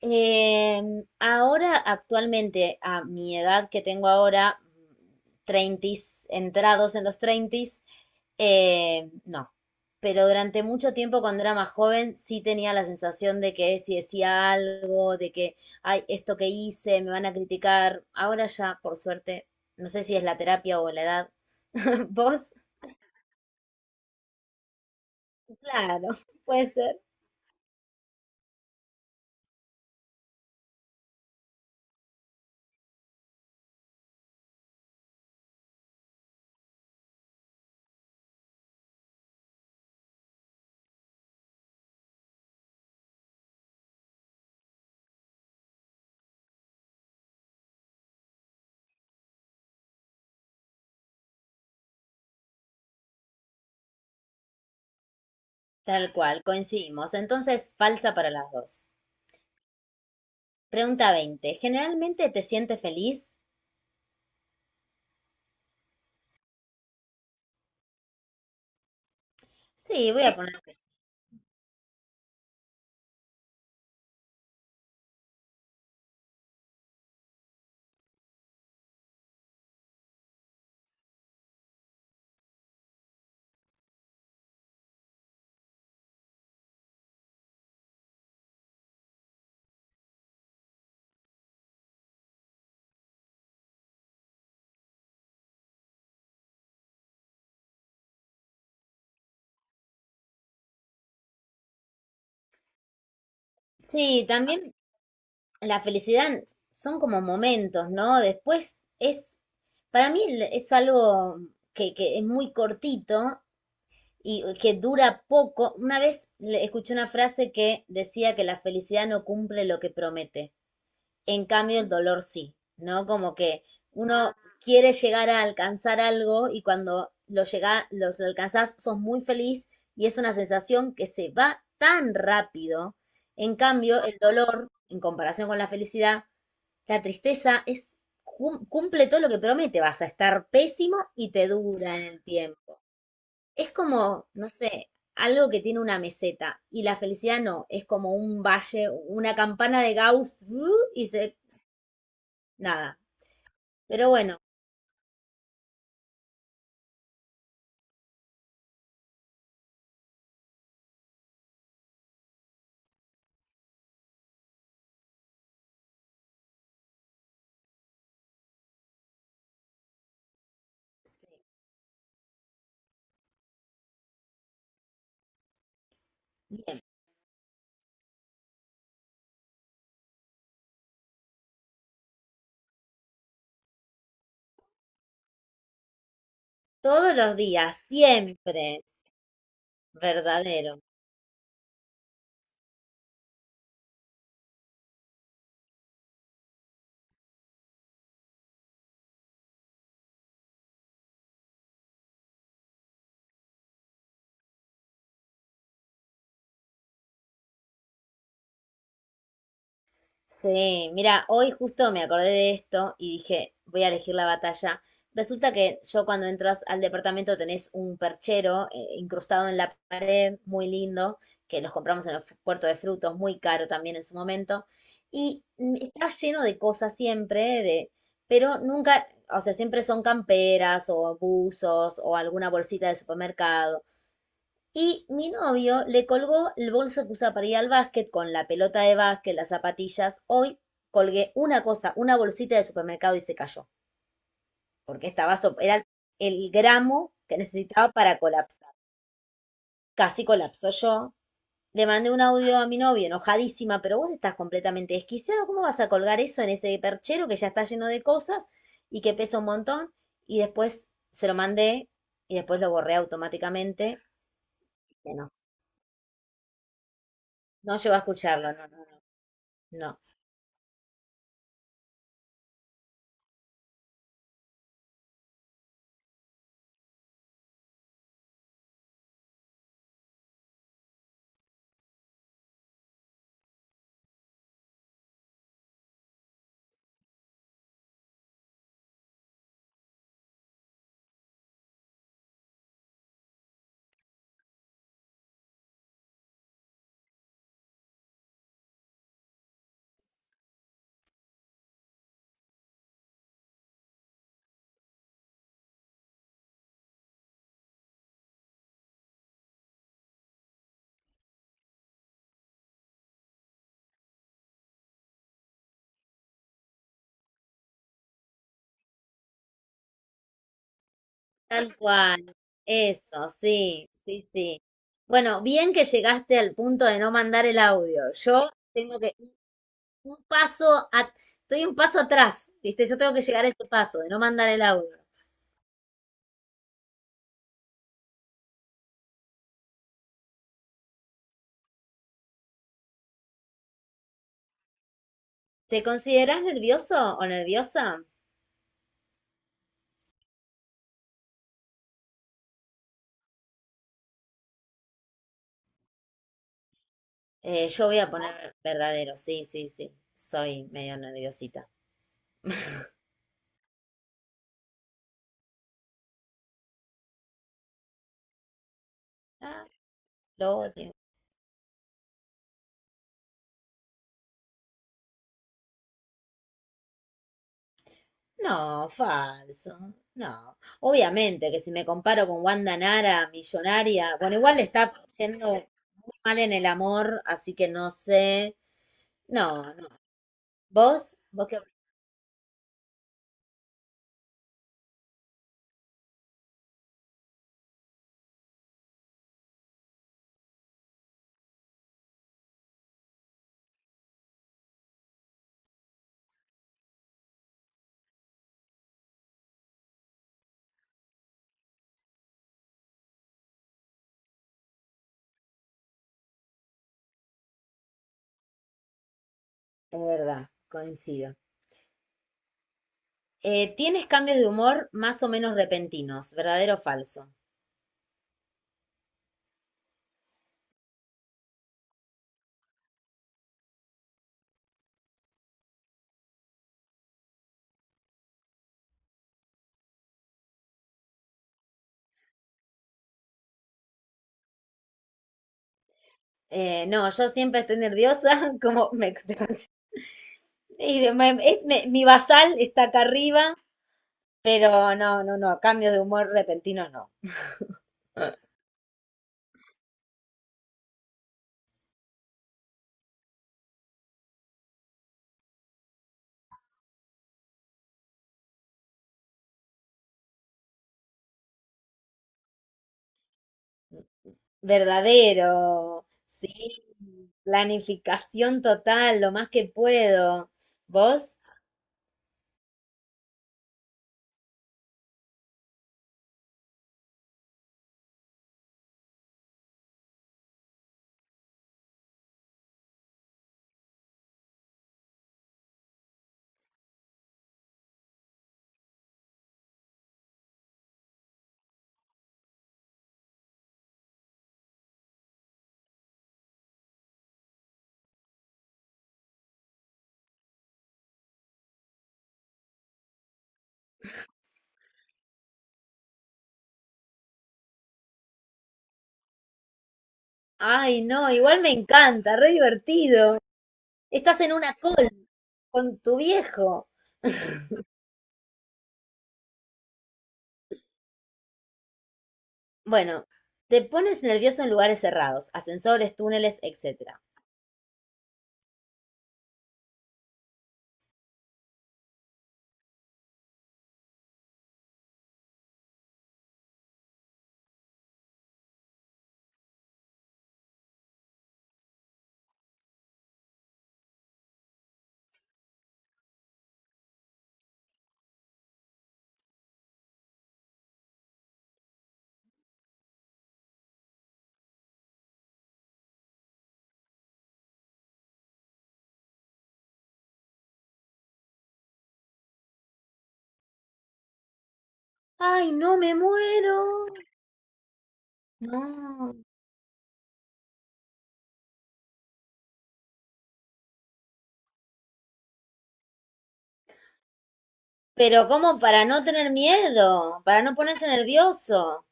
Em, Ahora, actualmente, a mi edad que tengo ahora, 30, entrados en los 30, no. Pero durante mucho tiempo, cuando era más joven, sí tenía la sensación de que si decía algo, de que, ay, esto que hice, me van a criticar. Ahora ya, por suerte, no sé si es la terapia o la edad. ¿Vos? Claro, puede ser. Tal cual, coincidimos. Entonces, falsa para las dos. Pregunta 20. ¿Generalmente te sientes feliz? Sí, voy a poner que sí. Sí, también la felicidad son como momentos, ¿no? Después es, para mí es algo que es muy cortito y que dura poco. Una vez escuché una frase que decía que la felicidad no cumple lo que promete. En cambio, el dolor sí, ¿no? Como que uno quiere llegar a alcanzar algo y cuando lo llega, los alcanzás, sos muy feliz y es una sensación que se va tan rápido. En cambio, el dolor, en comparación con la felicidad, la tristeza es cumple todo lo que promete, vas a estar pésimo y te dura en el tiempo. Es como, no sé, algo que tiene una meseta y la felicidad no, es como un valle, una campana de Gauss ¡ru! Y se nada. Pero bueno, sí, bien. Todos los días, siempre verdadero. Sí, mira, hoy justo me acordé de esto y dije, voy a elegir la batalla. Resulta que yo cuando entras al departamento tenés un perchero incrustado en la pared, muy lindo, que los compramos en el puerto de frutos, muy caro también en su momento. Y está lleno de cosas siempre, de, pero nunca, o sea, siempre son camperas o buzos o alguna bolsita de supermercado. Y mi novio le colgó el bolso que usa para ir al básquet con la pelota de básquet, las zapatillas. Hoy colgué una cosa, una bolsita de supermercado y se cayó, porque estaba, era el gramo que necesitaba para colapsar. Casi colapsó yo. Le mandé un audio a mi novio enojadísima, pero vos estás completamente desquiciado. ¿Cómo vas a colgar eso en ese perchero que ya está lleno de cosas y que pesa un montón? Y después se lo mandé y después lo borré automáticamente. Que No, no llegó a escucharlo, no, no, no. No. Tal cual, eso, sí, sí, sí. Bueno, bien que llegaste al punto de no mandar el audio. Yo tengo que un paso, estoy un paso atrás, ¿viste? Yo tengo que llegar a ese paso de no mandar el audio. ¿Te considerás nervioso o nerviosa? Yo voy a poner verdadero, sí, sí, sí. Soy medio nerviosita. Ah, lo odio. No, falso. No. Obviamente que si me comparo con Wanda Nara, millonaria, bueno, igual le está yendo muy mal en el amor, así que no sé. No, no. ¿Vos? ¿Vos qué opinás? Es verdad, coincido. ¿Tienes cambios de humor más o menos repentinos, verdadero o falso? No, yo siempre estoy nerviosa, como me, y mi basal está acá arriba, pero no, no, no, cambios de humor repentinos no. Verdadero, sí, planificación total, lo más que puedo. ¿Vos? Ay, no, igual me encanta, re divertido. Estás en una call con tu viejo. Bueno, te pones nervioso en lugares cerrados, ascensores, túneles, etcétera. Ay, no, me muero. No. Pero ¿cómo para no tener miedo? Para no ponerse nervioso.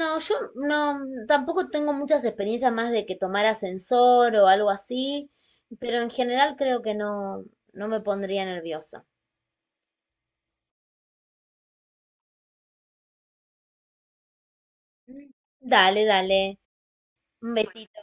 No, yo no, tampoco tengo muchas experiencias más de que tomar ascensor o algo así, pero en general creo que no, no me pondría nerviosa. Dale, dale. Un besito.